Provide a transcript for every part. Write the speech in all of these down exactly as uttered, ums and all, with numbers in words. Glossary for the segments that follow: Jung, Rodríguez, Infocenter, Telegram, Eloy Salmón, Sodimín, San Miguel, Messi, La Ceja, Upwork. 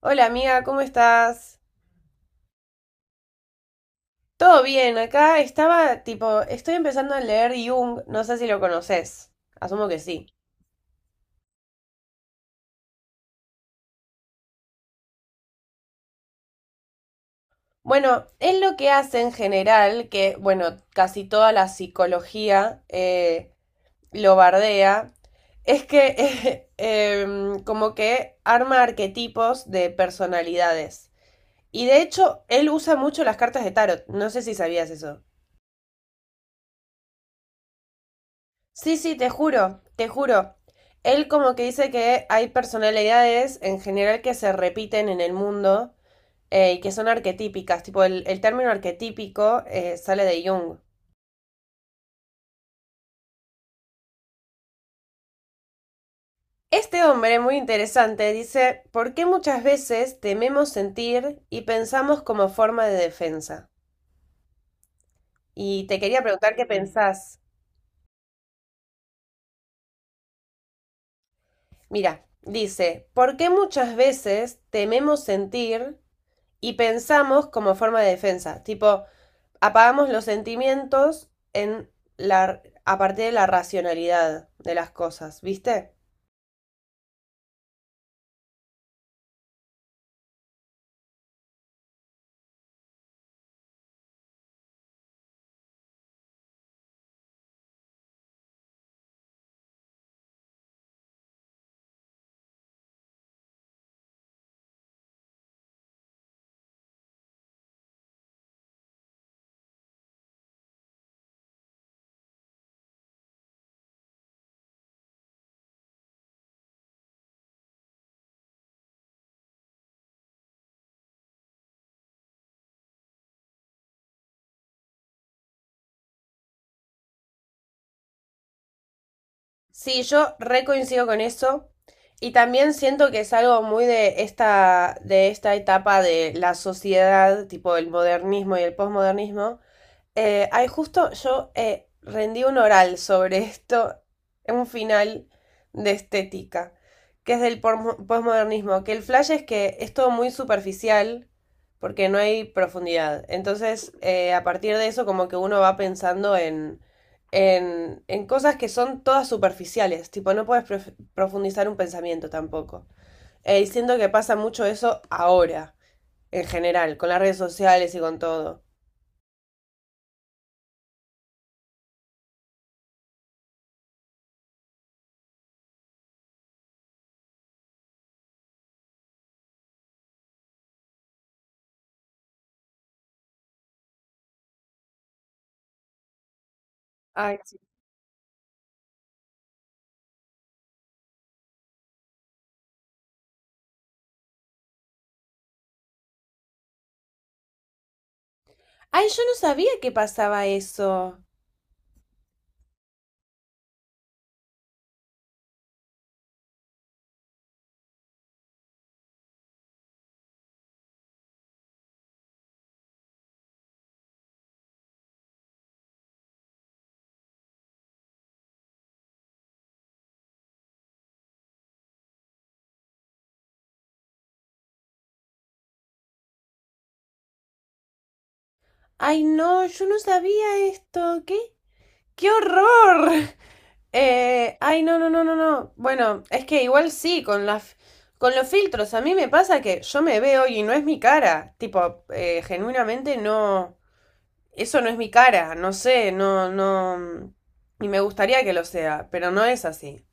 Hola amiga, ¿cómo estás? Todo bien, acá estaba tipo, estoy empezando a leer Jung, no sé si lo conoces, asumo que sí. Bueno, es lo que hace en general, que bueno, casi toda la psicología eh, lo bardea, es que eh, em, como que arma arquetipos de personalidades. Y de hecho, él usa mucho las cartas de tarot, no sé si sabías eso. Sí, sí, te juro, te juro. Él como que dice que hay personalidades en general que se repiten en el mundo eh, y que son arquetípicas, tipo el, el término arquetípico eh, sale de Jung. Este hombre, muy interesante, dice, ¿por qué muchas veces tememos sentir y pensamos como forma de defensa? Y te quería preguntar qué pensás. Mira, dice, ¿por qué muchas veces tememos sentir y pensamos como forma de defensa? Tipo, apagamos los sentimientos en la, a partir de la racionalidad de las cosas, ¿viste? Sí, yo recoincido con eso. Y también siento que es algo muy de esta, de esta, etapa de la sociedad, tipo el modernismo y el posmodernismo. Eh, ay, justo yo eh, rendí un oral sobre esto en un final de estética, que es del pormo- posmodernismo, que el flash es que es todo muy superficial porque no hay profundidad. Entonces, eh, a partir de eso, como que uno va pensando en, en, en cosas que son todas superficiales, tipo, no puedes prof- profundizar un pensamiento tampoco. Eh, y siento que pasa mucho eso ahora, en general, con las redes sociales y con todo. Ay, ay, yo no sabía que pasaba eso. Ay, no, yo no sabía esto. ¿Qué? ¡Qué horror! Eh, ay, no, no, no, no, no. Bueno, es que igual sí, con las, con los filtros. A mí me pasa que yo me veo y no es mi cara. Tipo, eh, genuinamente no. Eso no es mi cara. No sé, no, no. Y me gustaría que lo sea, pero no es así.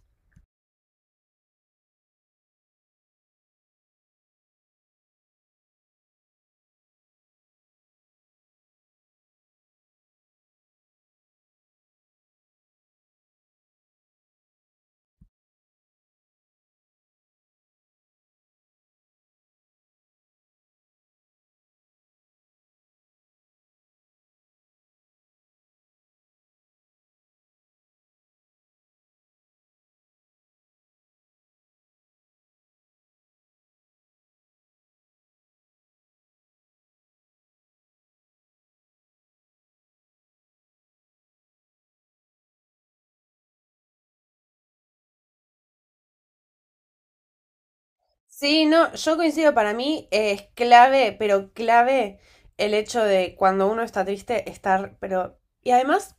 Sí, no, yo coincido, para mí eh, es clave, pero clave el hecho de cuando uno está triste estar, pero. Y además,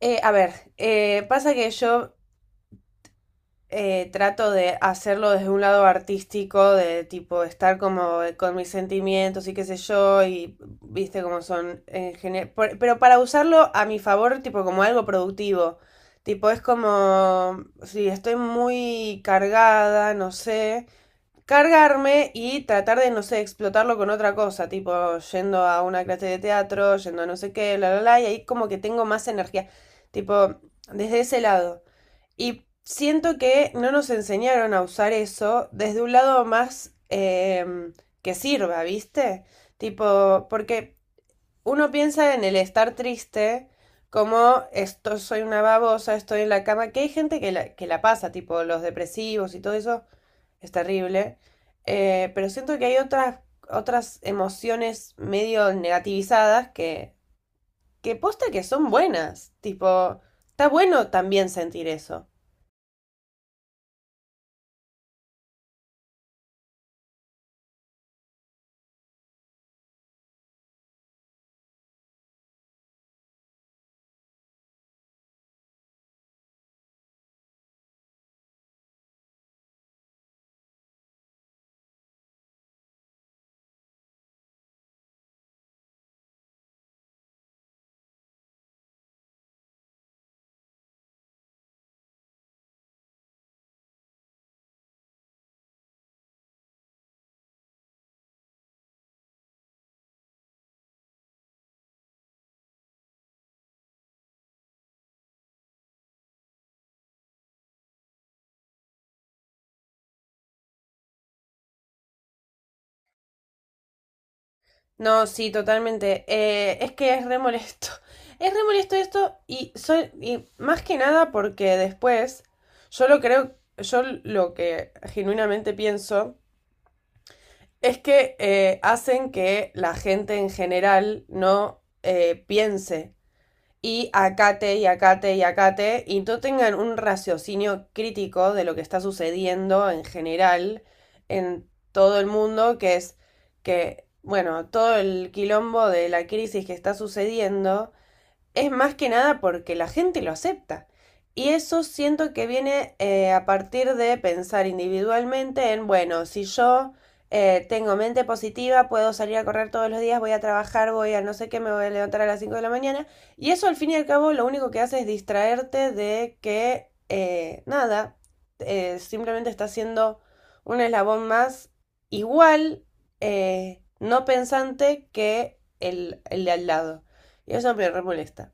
eh, a ver, eh, pasa que yo eh, trato de hacerlo desde un lado artístico, de tipo estar como con mis sentimientos y qué sé yo, y viste cómo son en general, pero para usarlo a mi favor, tipo como algo productivo, tipo es como, si estoy muy cargada, no sé, cargarme y tratar de, no sé, explotarlo con otra cosa, tipo yendo a una clase de teatro, yendo a no sé qué, bla, bla, bla, y ahí como que tengo más energía, tipo, desde ese lado. Y siento que no nos enseñaron a usar eso desde un lado más em, que sirva, ¿viste? Tipo, porque uno piensa en el estar triste. Como esto soy una babosa, estoy en la cama, que hay gente que la, que la pasa, tipo los depresivos y todo eso, es terrible. Eh, pero siento que hay otras, otras emociones medio negativizadas que, que posta que son buenas. Tipo, está bueno también sentir eso. No, sí, totalmente. Eh, es que es re molesto. Es re molesto esto y, soy, y más que nada porque después yo lo creo, yo lo que genuinamente pienso es que eh, hacen que la gente en general no eh, piense y acate y acate y acate y no tengan un raciocinio crítico de lo que está sucediendo en general en todo el mundo, que es que, bueno, todo el quilombo de la crisis que está sucediendo es más que nada porque la gente lo acepta. Y eso siento que viene eh, a partir de pensar individualmente en, bueno, si yo eh, tengo mente positiva, puedo salir a correr todos los días, voy a trabajar, voy a no sé qué, me voy a levantar a las cinco de la mañana. Y eso al fin y al cabo lo único que hace es distraerte de que eh, nada, eh, simplemente está siendo un eslabón más igual, eh, no pensante que el, el de al lado. Y eso me re molesta.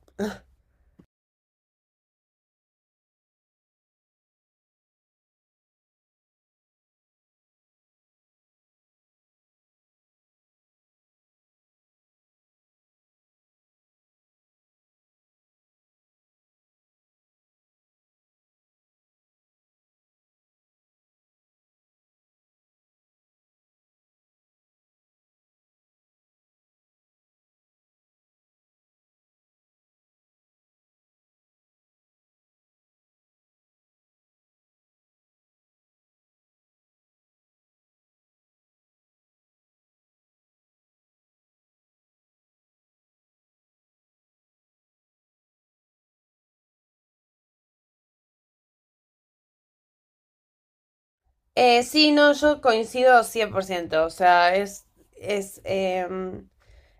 Eh, sí, no, yo coincido cien por ciento, o sea, es, es em,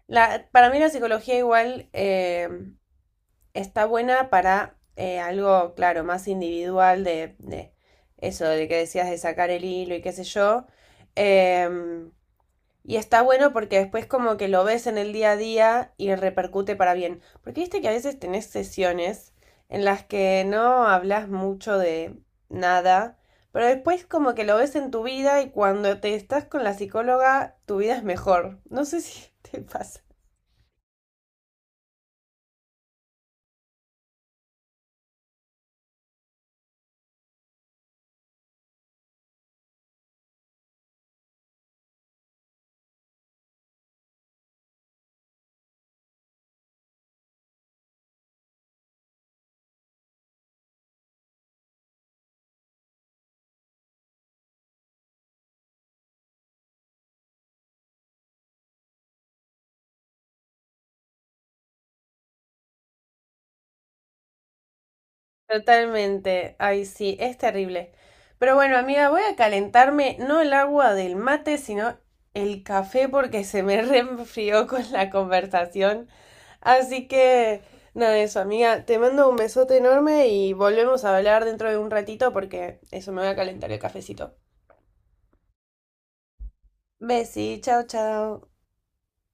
la, para mí la psicología igual em, está buena para eh, algo, claro, más individual de, de eso, de que decías de sacar el hilo y qué sé yo. Em, y está bueno porque después como que lo ves en el día a día y repercute para bien. Porque viste que a veces tenés sesiones en las que no hablas mucho de nada, pero después como que lo ves en tu vida y cuando te estás con la psicóloga, tu vida es mejor. No sé si te pasa. Totalmente. Ay, sí, es terrible. Pero bueno, amiga, voy a calentarme no el agua del mate, sino el café porque se me reenfrió con la conversación. Así que, nada, eso, amiga. Te mando un besote enorme y volvemos a hablar dentro de un ratito porque eso me va a calentar el cafecito. Besi, chao, chao.